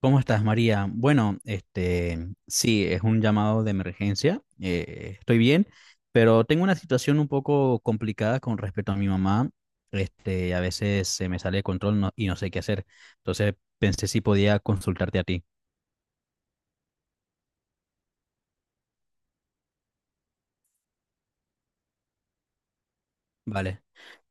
¿Cómo estás, María? Sí, es un llamado de emergencia. Estoy bien, pero tengo una situación un poco complicada con respecto a mi mamá. A veces se me sale de control y no sé qué hacer. Entonces pensé si podía consultarte a ti. Vale.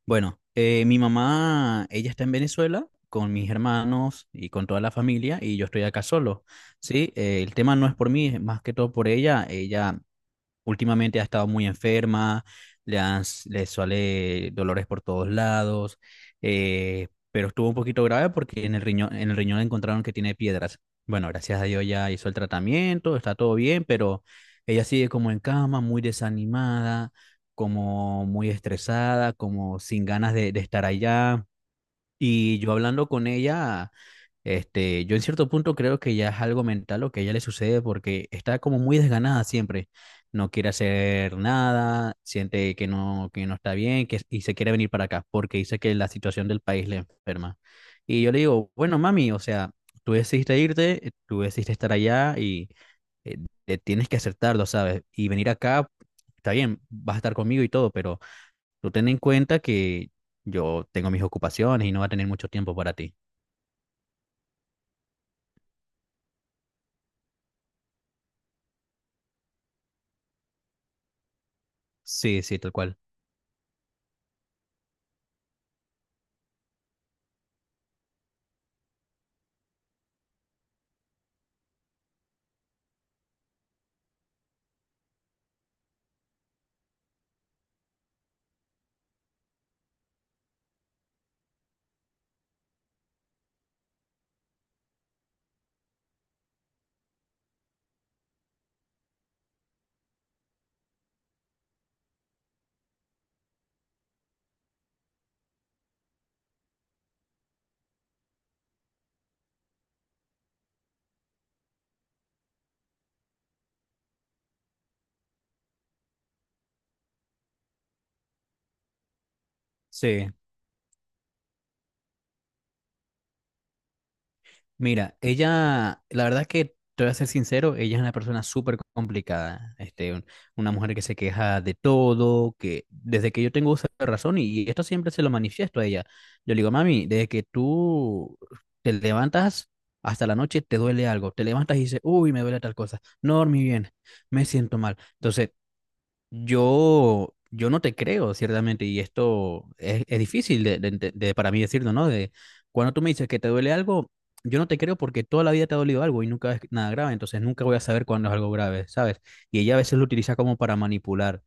Bueno, Mi mamá, ella está en Venezuela con mis hermanos y con toda la familia, y yo estoy acá solo. Sí. El tema no es por mí, es más que todo por ella. Últimamente ha estado muy enferma, le suele dolores por todos lados, pero estuvo un poquito grave porque en el riñón encontraron que tiene piedras. Bueno, gracias a Dios ya hizo el tratamiento, está todo bien, pero ella sigue como en cama, muy desanimada, como muy estresada, como sin ganas de estar allá. Y yo hablando con ella yo en cierto punto creo que ya es algo mental lo que a ella le sucede, porque está como muy desganada siempre. No quiere hacer nada, siente que no está bien que, y se quiere venir para acá porque dice que la situación del país le enferma. Y yo le digo, bueno, mami, o sea, tú decidiste irte, tú decidiste estar allá y eh, te tienes que aceptarlo, ¿sabes? Y venir acá, está bien, vas a estar conmigo y todo, pero tú ten en cuenta que yo tengo mis ocupaciones y no va a tener mucho tiempo para ti. Sí, sí, tal cual. Sí, mira, ella, la verdad es que te voy a ser sincero, ella es una persona súper complicada, una mujer que se queja de todo, que desde que yo tengo uso de razón, y, esto siempre se lo manifiesto a ella. Yo le digo, mami, desde que tú te levantas hasta la noche te duele algo, te levantas y dices, uy, me duele tal cosa, no dormí bien, me siento mal. Entonces yo, no te creo, ciertamente, y esto es difícil para mí decirlo, ¿no? De cuando tú me dices que te duele algo, yo no te creo porque toda la vida te ha dolido algo y nunca es nada grave, entonces nunca voy a saber cuándo es algo grave, ¿sabes? Y ella a veces lo utiliza como para manipular,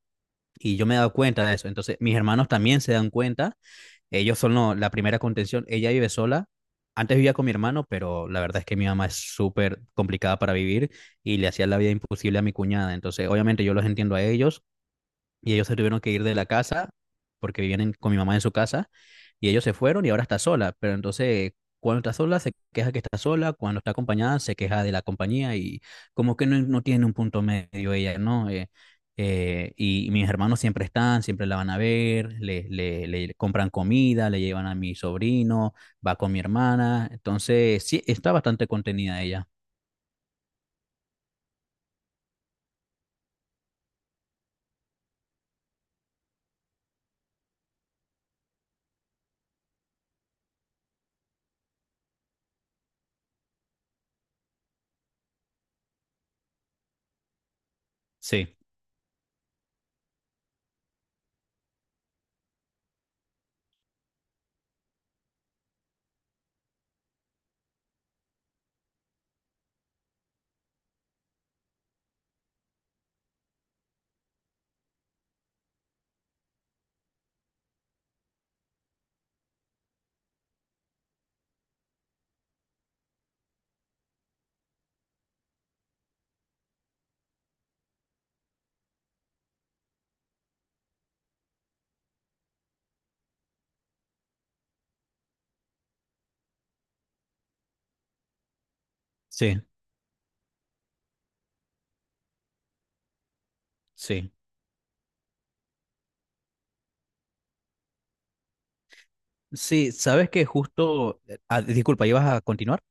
y yo me he dado cuenta de eso. Entonces mis hermanos también se dan cuenta, ellos son la primera contención, ella vive sola, antes vivía con mi hermano, pero la verdad es que mi mamá es súper complicada para vivir y le hacía la vida imposible a mi cuñada, entonces obviamente yo los entiendo a ellos y ellos se tuvieron que ir de la casa porque vivían con mi mamá en su casa y ellos se fueron y ahora está sola. Pero entonces, cuando está sola se queja que está sola, cuando está acompañada se queja de la compañía y como que no, no tiene un punto medio ella, ¿no? Y mis hermanos siempre están, siempre la van a ver, le compran comida, le llevan a mi sobrino, va con mi hermana, entonces sí, está bastante contenida ella. Sí, sí, sí. Sí, sabes que justo, disculpa, ¿ibas a continuar?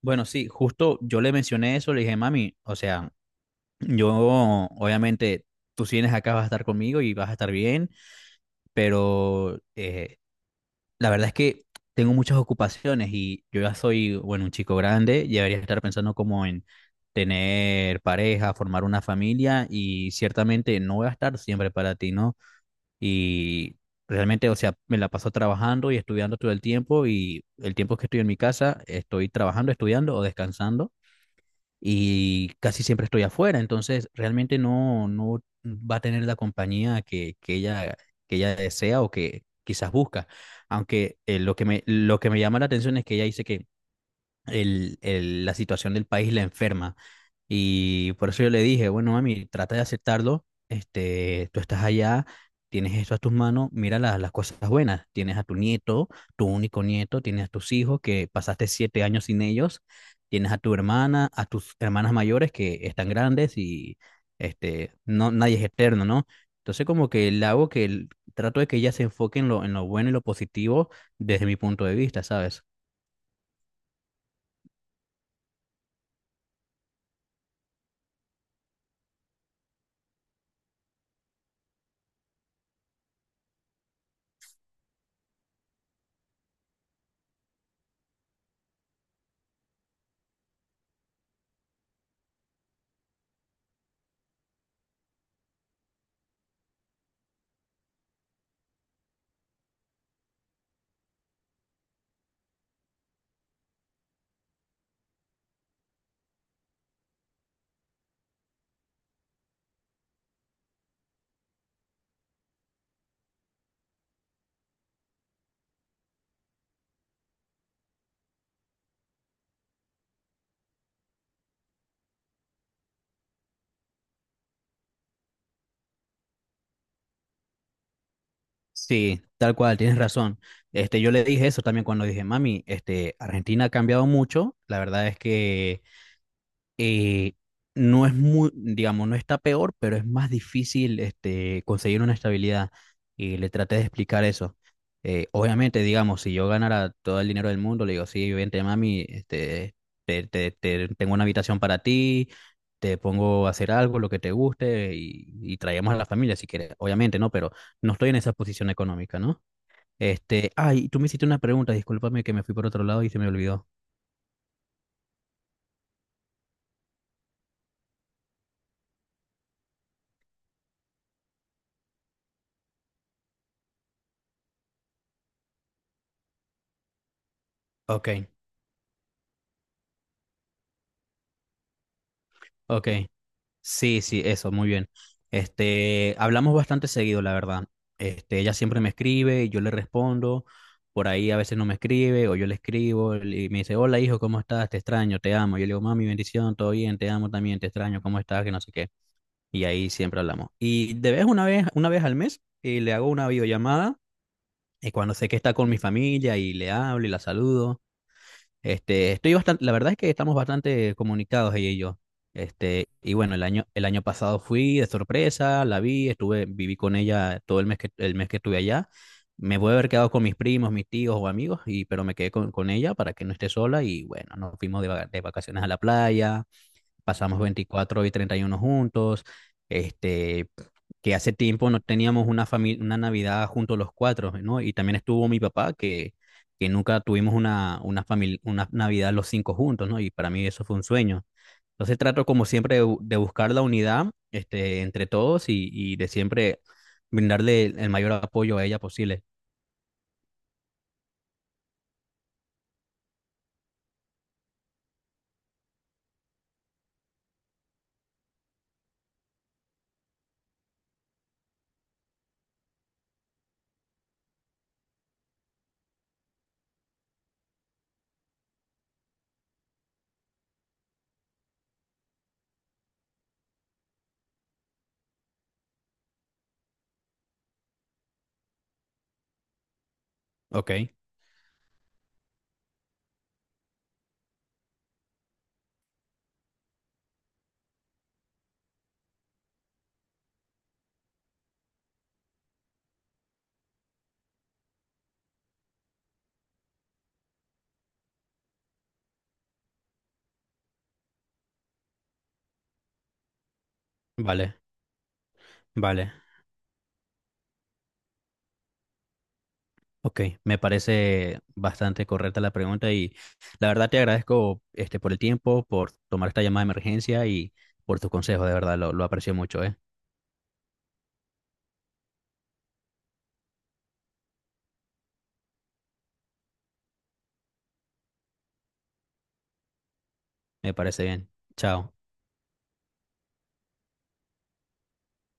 Bueno, sí, justo yo le mencioné eso, le dije, mami, o sea, yo obviamente, tú si vienes acá vas a estar conmigo y vas a estar bien, pero la verdad es que tengo muchas ocupaciones y yo ya soy, bueno, un chico grande, ya debería estar pensando como en tener pareja, formar una familia, y ciertamente no voy a estar siempre para ti, ¿no? Y realmente, o sea, me la paso trabajando y estudiando todo el tiempo, y el tiempo que estoy en mi casa estoy trabajando, estudiando o descansando, y casi siempre estoy afuera. Entonces realmente no, no va a tener la compañía que, que ella desea o que quizás busca. Aunque lo que me llama la atención es que ella dice que la situación del país la enferma. Y por eso yo le dije, bueno, mami, trata de aceptarlo, tú estás allá, tienes esto a tus manos, mira las cosas buenas, tienes a tu nieto, tu único nieto, tienes a tus hijos que pasaste 7 años sin ellos, tienes a tu hermana, a tus hermanas mayores que están grandes, y no, nadie es eterno, ¿no? Entonces como que le hago trato de que ella se enfoque en lo bueno y lo positivo desde mi punto de vista, ¿sabes? Sí, tal cual, tienes razón. Yo le dije eso también cuando dije, mami, este, Argentina ha cambiado mucho. La verdad es que eh, no es muy, digamos, no está peor, pero es más difícil, este, conseguir una estabilidad. Y le traté de explicar eso. Obviamente, digamos, si yo ganara todo el dinero del mundo, le digo, sí, vente, mami, este, tengo una habitación para ti, te pongo a hacer algo, lo que te guste, y traemos a la familia si quieres. Obviamente, ¿no? Pero no estoy en esa posición económica, ¿no? Este, ay, tú me hiciste una pregunta, discúlpame que me fui por otro lado y se me olvidó. Ok, ok. Sí, sí, eso, muy bien. Este, hablamos bastante seguido, la verdad. Este, ella siempre me escribe y yo le respondo. Por ahí a veces no me escribe o yo le escribo y me dice, hola hijo, ¿cómo estás? Te extraño, te amo. Yo le digo, mami, bendición, todo bien, te amo también, te extraño, ¿cómo estás? Que no sé qué. Y ahí siempre hablamos. Y de vez una vez, una vez al mes, le hago una videollamada y cuando sé que está con mi familia y le hablo y la saludo. Este, estoy bastante, la verdad es que estamos bastante comunicados ella y yo. Este, y bueno, el año pasado fui de sorpresa, la vi, estuve, viví con ella todo el mes el mes que estuve allá. Me voy a haber quedado con mis primos, mis tíos o amigos, y, pero me quedé con ella para que no esté sola, y bueno, nos fuimos de vacaciones a la playa, pasamos 24 y 31 juntos, este, que hace tiempo no teníamos una familia, una Navidad juntos los cuatro, ¿no? Y también estuvo mi papá, que nunca tuvimos una Navidad los cinco juntos, ¿no? Y para mí eso fue un sueño. Entonces trato como siempre de buscar la unidad, este, entre todos, y de siempre brindarle el mayor apoyo a ella posible. Ok, vale, vale. Ok, me parece bastante correcta la pregunta, y la verdad te agradezco, este, por el tiempo, por tomar esta llamada de emergencia y por tus consejos. De verdad, lo aprecio mucho, ¿eh? Me parece bien. Chao.